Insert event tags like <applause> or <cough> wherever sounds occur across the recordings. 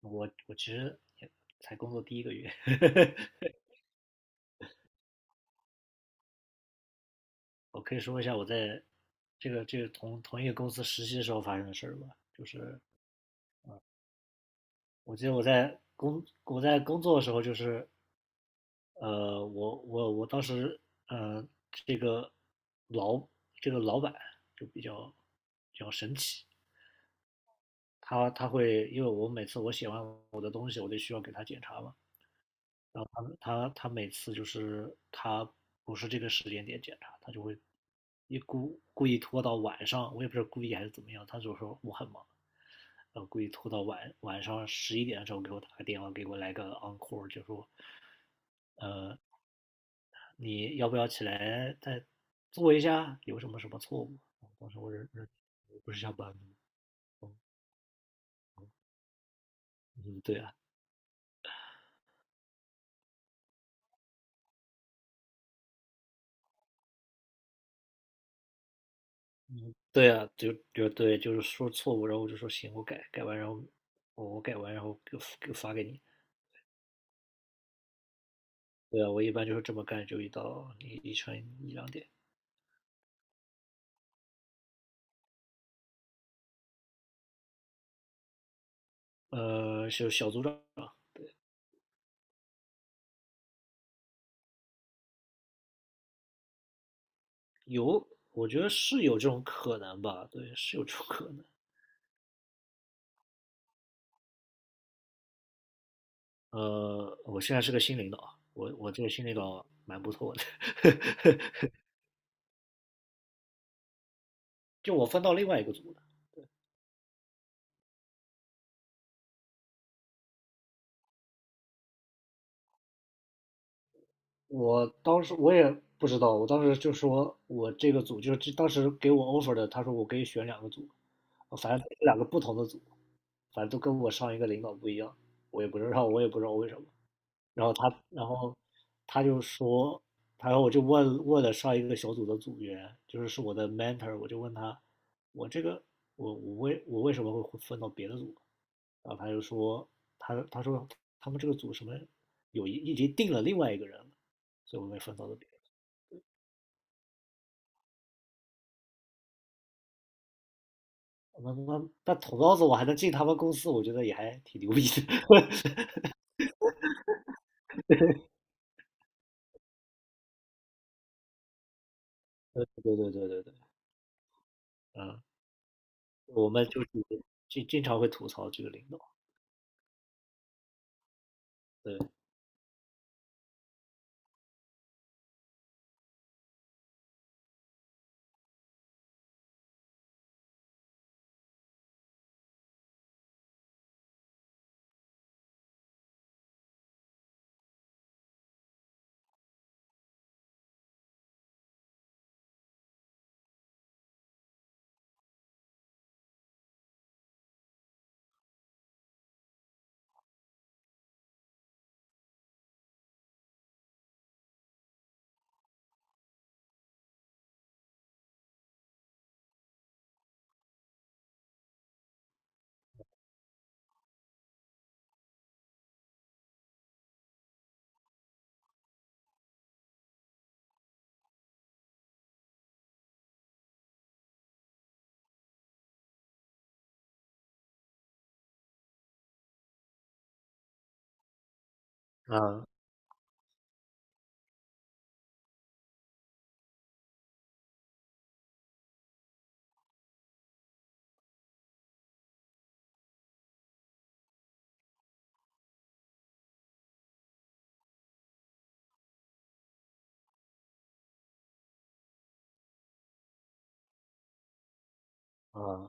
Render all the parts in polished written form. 我其实也才工作第一个月，<laughs> 我可以说一下我在这个同一个公司实习的时候发生的事儿吧。就是我记得我在工作的时候，就是，我当时，嗯，这个老这个老板就比较神奇。他会因为我每次我写完我的东西，我就需要给他检查嘛。他每次就是他不是这个时间点检查，他就会故意拖到晚上，我也不知道故意还是怎么样，他就说我很忙，然后故意拖到晚上11点的时候给我打个电话，给我来个 encore，就说，呃，你要不要起来再做一下？有什么什么错误？啊，当时我我不是下班吗？嗯，对啊。嗯，对啊，就对，就是说错误。然后我就说行，我改完，然后我改完，然后给发给你。对啊，我一般就是这么干，就一到一一晨一两点。呃，就小组长。有，我觉得是有这种可能吧，对，是有这种可能。我现在是个新领导啊，我这个新领导蛮不错的，<laughs> 就我分到另外一个组了。我当时我也不知道，我当时就说我这个组就是当时给我 offer 的，他说我可以选2个组，反正两个不同的组，反正都跟我上一个领导不一样。我也不知道，我也不知道为什么。然后他就说，然后我就问了上一个小组的组员，就是我的 mentor，我就问他，我这个我我为我为什么会分到别的组？然后他就说，他说他们这个组什么有一已经定了另外一个人了，所以我被分到了别的。那捅刀子我还能进他们公司，我觉得也还挺牛逼的。<laughs> 对对对对对对。嗯，我们就是经常会吐槽这个领导，对。嗯嗯。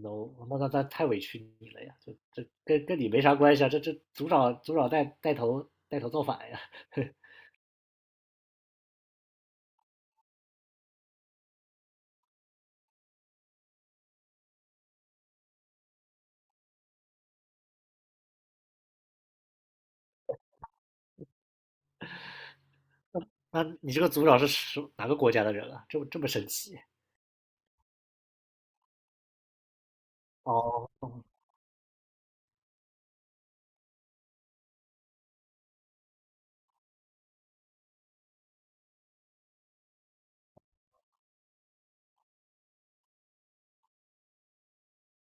no，那太委屈你了呀，这跟你没啥关系啊，这组长带头造反呀。<laughs> 那你这个组长是哪个国家的人啊？这么神奇？哦，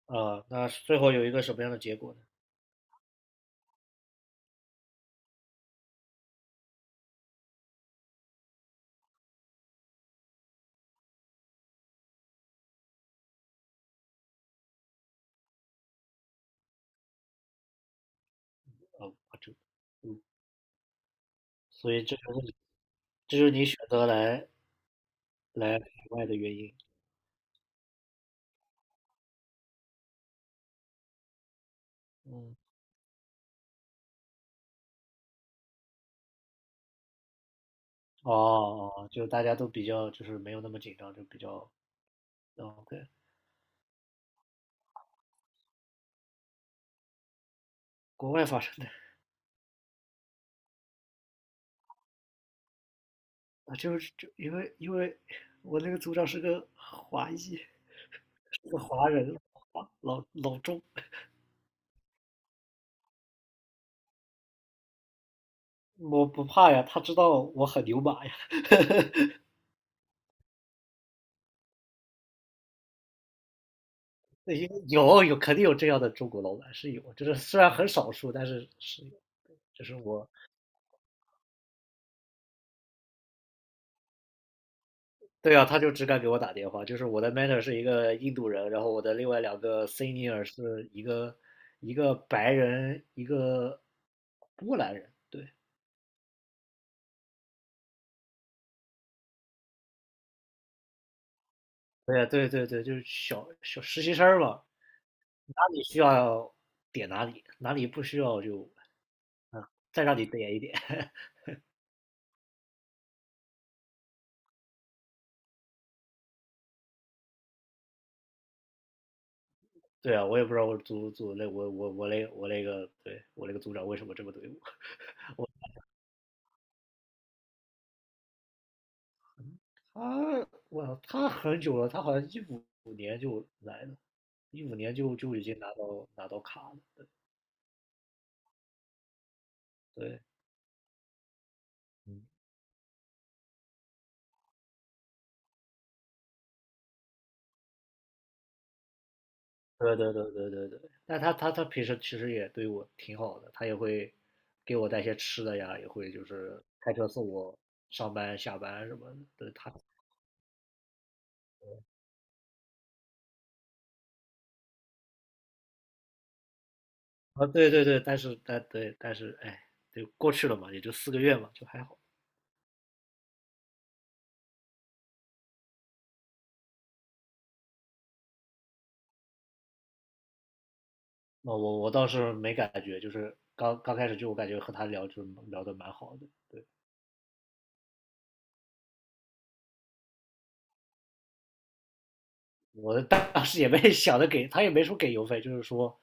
呃，那最后有一个什么样的结果呢？哦，啊，这，嗯，所以这就是你选择来海外的原因。嗯，哦哦，哦就大家都比较就是没有那么紧张，就比较，哦，对。国外发生的。啊，就是就因为我那个组长是个华裔，是个华人，华老中。我不怕呀，他知道我很牛马呀。<laughs> 因为肯定有这样的中国老板是有，就是虽然很少数，但是是有。就是我。对啊，他就只敢给我打电话。就是我的 mentor 是一个印度人，然后我的另外两个 senior 是一个一个白人，一个波兰人。对。对啊，对对对，就是小小实习生嘛。哪里需要点哪里，哪里不需要就，啊，再让你点一点。<laughs> 对啊，我也不知道，我组组那我我我那我那个对我那个组长为什么这么对我。<laughs> 我他我他很久了。他好像一五年就来了，一五年就已经拿到卡了。对。嗯，对对对对对对。但他平时其实也对我挺好的，他也会给我带些吃的呀，也会就是开车送我上班下班什么的。对他。啊，对对对，但是，对，但是哎，就过去了嘛，也就4个月嘛，就还好。那我倒是没感觉，就是刚刚开始就我感觉和他聊就聊得蛮好的，对。我当时也没 <laughs> 想着给他也没说给邮费，就是说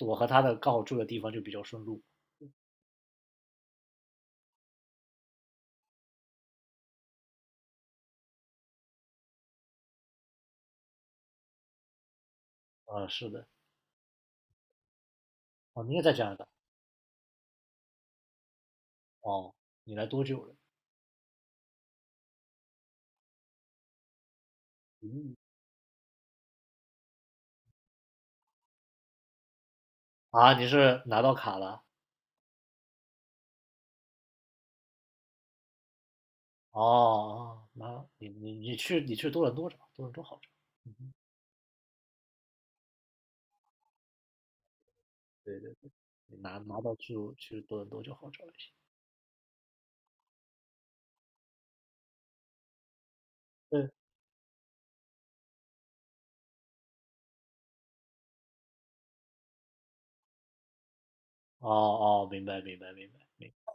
我和他的刚好住的地方就比较顺路。啊，是的。哦，你也在加拿大。哦，你来多久了？嗯。啊，你是拿到卡了？哦，拿你你你去你去多伦多找，多伦多好找，对对。你拿到去多伦多就好找一些。对。哦哦，明白明白明白明白，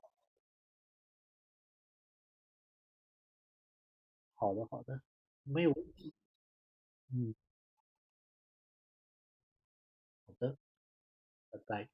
好的好的，没有问题，嗯，好的，拜拜。